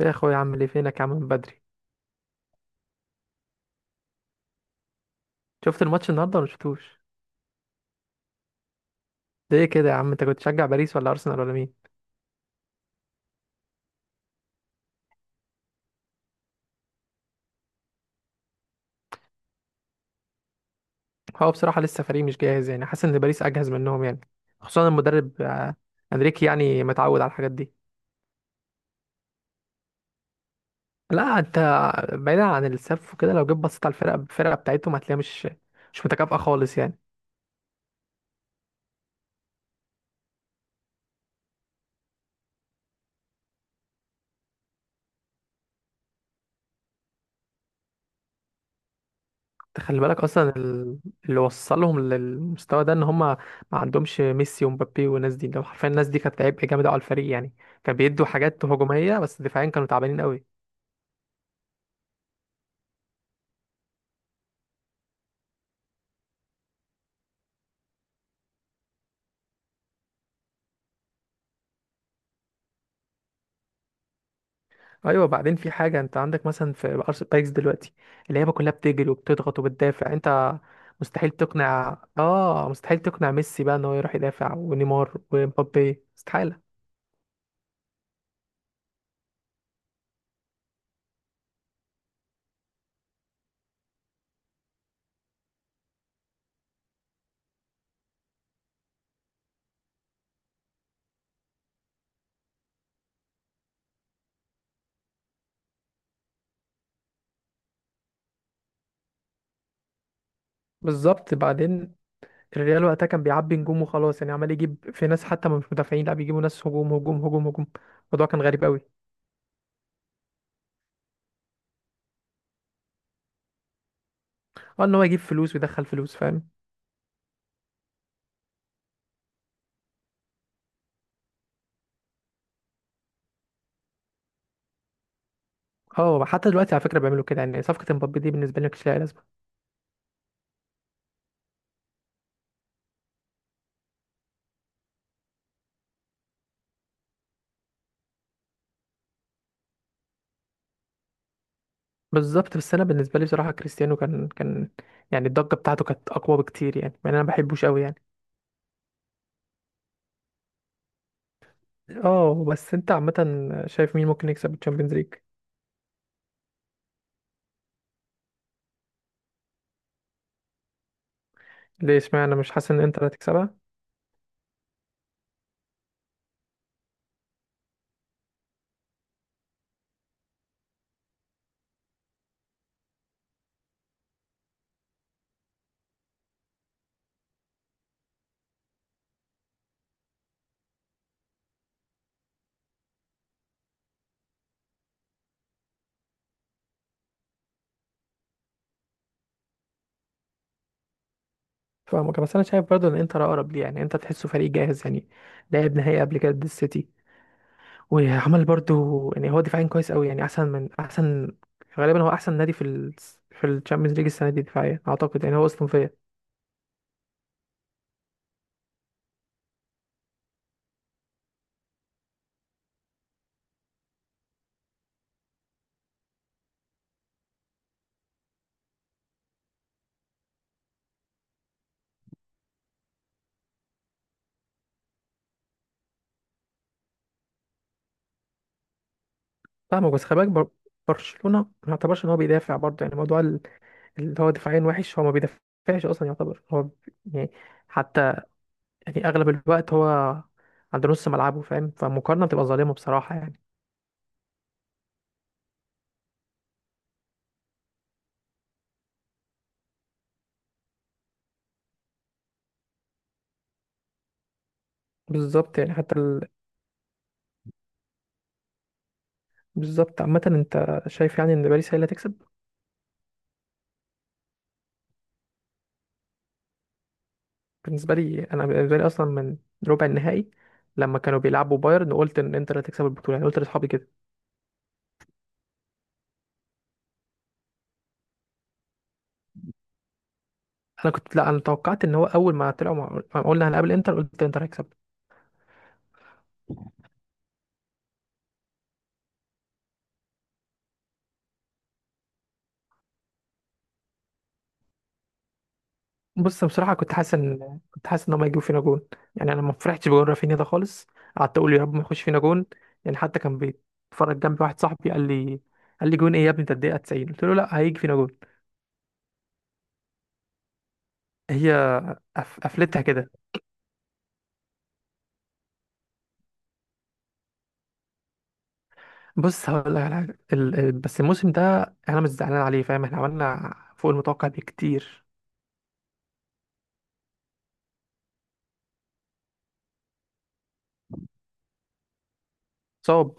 يا اخويا، عامل ايه؟ فينك يا عم من بدري؟ شفت الماتش النهارده ولا شفتوش؟ ليه كده يا عم؟ انت كنت تشجع باريس ولا ارسنال ولا مين؟ هو بصراحه لسه فريق مش جاهز، يعني حاسس ان باريس اجهز منهم يعني، خصوصا المدرب انريكي، يعني متعود على الحاجات دي. لا انت، بعيدا عن السف وكده، لو جيت بصيت على الفرقه بتاعتهم هتلاقيها مش متكافئه خالص يعني. انت خلي بالك اصلا، اللي وصلهم للمستوى ده ان هم ما عندهمش ميسي ومبابي والناس دي، لو حرفيا الناس دي كانت عبء جامد أوي على الفريق يعني. كان بيدوا حاجات هجوميه بس دفاعيا كانوا تعبانين قوي. ايوه بعدين في حاجه، انت عندك مثلا في ارس بايكس دلوقتي اللعيبه كلها بتجري وبتضغط وبتدافع. انت مستحيل تقنع ميسي بقى ان هو يروح يدافع، ونيمار ومبابي استحاله. بالظبط. بعدين الريال وقتها كان بيعبي نجوم وخلاص، يعني عمال يجيب في ناس حتى مش مدافعين، لا بيجيبوا ناس هجوم هجوم هجوم هجوم. الموضوع كان غريب قوي. اه، ان هو يجيب فلوس ويدخل فلوس، فاهم. اه حتى دلوقتي على فكره بيعملوا كده، يعني صفقه مبابي دي بالنسبه لي مش لها. بالظبط. بس انا بالنسبه لي بصراحه كريستيانو كان يعني الضجه بتاعته كانت اقوى بكتير، يعني مع ان انا ما بحبوش قوي يعني. اه بس انت عامه، شايف مين ممكن يكسب الشامبيونز ليج؟ ليه؟ اشمعنى مش حاسس ان انتر هتكسبها؟ فاهمك، بس انا شايف برضه ان انتر اقرب ليه، يعني انت تحسه فريق جاهز يعني. لعب نهائي قبل كده ضد السيتي، وعمل برضه يعني، هو دفاعيا كويس قوي يعني، احسن من احسن. غالبا هو احسن نادي في الشامبيونز ليج السنه دي دفاعيا اعتقد، يعني هو اصلا فيا. فاهمك بس خلي بالك، برشلونه ما يعتبرش ان هو بيدافع برضه، يعني موضوع اللي هو دفاعيا وحش. هو ما بيدافعش اصلا، يعتبر هو يعني حتى يعني اغلب الوقت هو عند نص ملعبه، فاهم، فالمقارنه بتبقى ظالمه بصراحه يعني. بالظبط يعني بالظبط. عامه انت شايف يعني ان باريس هي اللي هتكسب؟ بالنسبه لي، انا بالنسبه لي اصلا من ربع النهائي لما كانوا بيلعبوا بايرن قلت ان انتر هتكسب البطوله، يعني قلت لاصحابي كده. انا كنت لا انا توقعت ان هو اول ما طلعوا ما قلنا هنقابل انتر، قلت انتر هيكسب. بص بصراحة كنت حاسس إن هما هيجيبوا فينا جون، يعني أنا ما فرحتش بجون رافينيا ده خالص. قعدت أقول يا رب ما يخش فينا جون. يعني حتى كان بيتفرج جنبي واحد صاحبي قال لي، قال لي: جون إيه يا ابني أنت؟ الدقيقة 90. قلت له لا، هيجي فينا جون. هي قفلتها كده. بص هقول لك على حاجة، بس الموسم ده أنا مش زعلان عليه، فاهم، إحنا عملنا فوق المتوقع بكتير. صعب.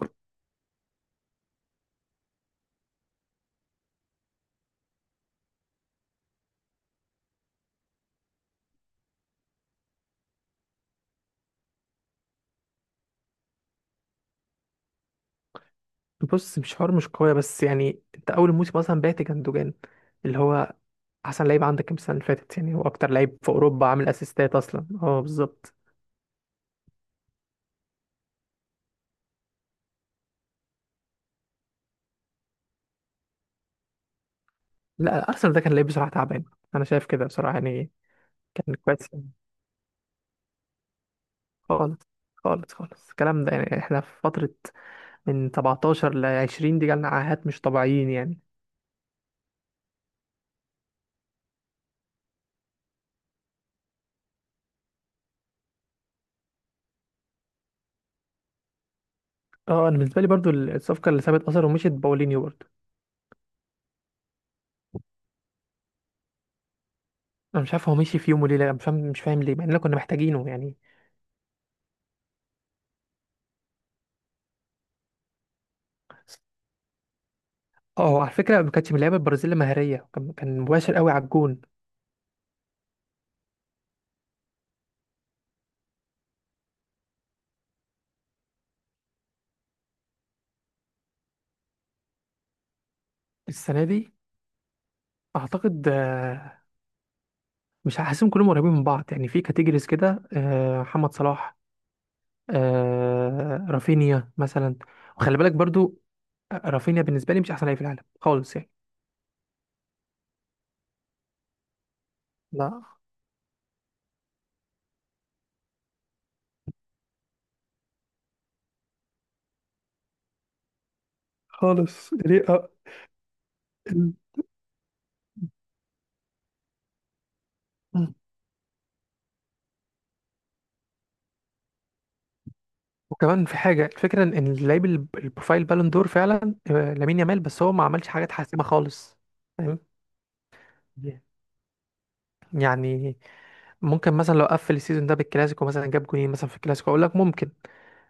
بص، مش حوار مش قوية، بس يعني أنت أول موسم أصلا بعت جندوجان اللي هو احسن لعيب عندك كام السنه اللي فاتت، يعني هو اكتر لعيب في اوروبا عامل اسيستات اصلا، اه بالظبط. لا ارسنال ده كان لعيب بصراحه تعبان، انا شايف كده بصراحه يعني، كان كويس خالص خالص خالص. الكلام ده، يعني احنا في فتره من 17 ل 20 دي جالنا عاهات مش طبيعيين يعني. اه انا بالنسبه لي برضو الصفقه اللي سابت اثر ومشيت باولينيو برضو. انا مش عارف هو مشي في يوم وليله، أنا مش فاهم ليه، مع اننا كنا محتاجينه يعني. اه على فكره ما كانتش من اللعيبه البرازيل مهاريه، كان مباشر قوي على الجون. السنه دي اعتقد مش هحسهم كلهم قريبين من بعض، يعني في كاتيجوريز كده، محمد صلاح، رافينيا مثلا. وخلي بالك برضو، رافينيا بالنسبه لي مش احسن لعيب في العالم خالص يعني. لا خالص، ليه؟ ال- مم. وكمان في حاجه، الفكره إن اللعيب البروفايل بالون دور فعلا لامين يامال، بس هو ما عملش حاجه تحسمها خالص، فاهم. Yeah. يعني ممكن مثلا لو قفل السيزون ده بالكلاسيكو، مثلا جاب جونين مثلا في الكلاسيكو، اقول لك ممكن.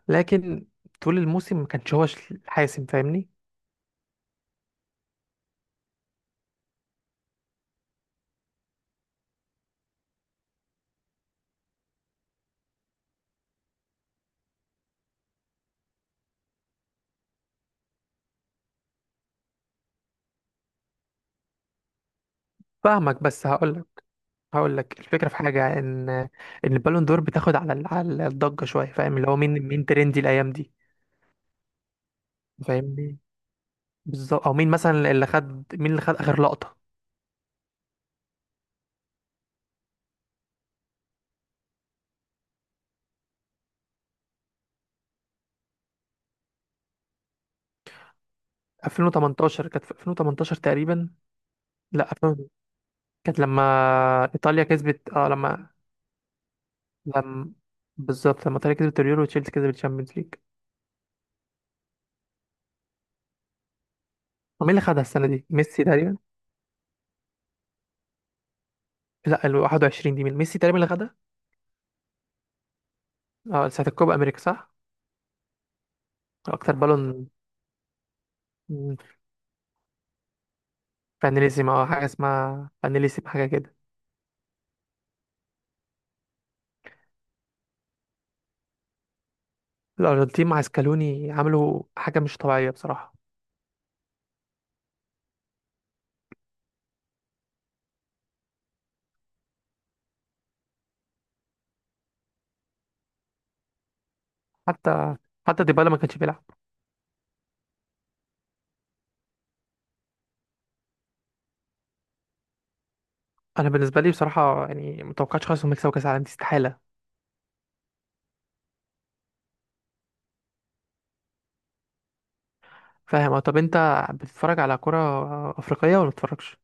لكن طول الموسم ما كانش هو حاسم، فاهمني. فاهمك بس هقول لك الفكره في حاجه، ان البالون دور بتاخد على على الضجه شويه، فاهم، اللي هو مين ترندي الايام دي. فاهمني. بالظبط، او مين اللي خد اخر لقطه؟ 2018، كانت في 2018 تقريبا. لا 2000. كانت لما ايطاليا كسبت، لما لما ايطاليا كسبت اليورو وتشيلسي كسبت الشامبيونز ليج. ومين اللي خدها السنه دي؟ ميسي تقريبا. لا، ال 21 دي، مين؟ ميسي تقريبا اللي خدها. اه ساعه الكوبا امريكا، صح؟ اكتر بالون فانيليزم، حاجه اسمها فانيليزم، حاجه كده. الارجنتين مع سكالوني عملوا حاجه مش طبيعيه بصراحه. حتى حتى ديبالا ما كانش بيلعب. انا بالنسبه لي بصراحه يعني ما توقعتش خالص انهم يكسبوا كاس العالم دي، استحاله. فاهم. اه طب انت بتتفرج على كره افريقيه ولا ما بتتفرجش؟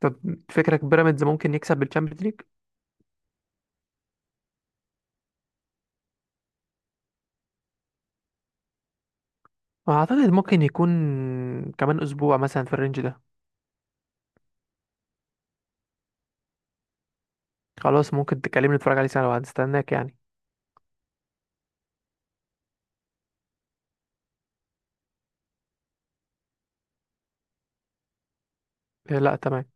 طب فكرك بيراميدز ممكن يكسب بالتشامبيونز ليج؟ اعتقد ممكن يكون كمان اسبوع مثلا في الرينج ده. خلاص ممكن تكلمني نتفرج عليه سنه وهنستناك يعني. لا تمام.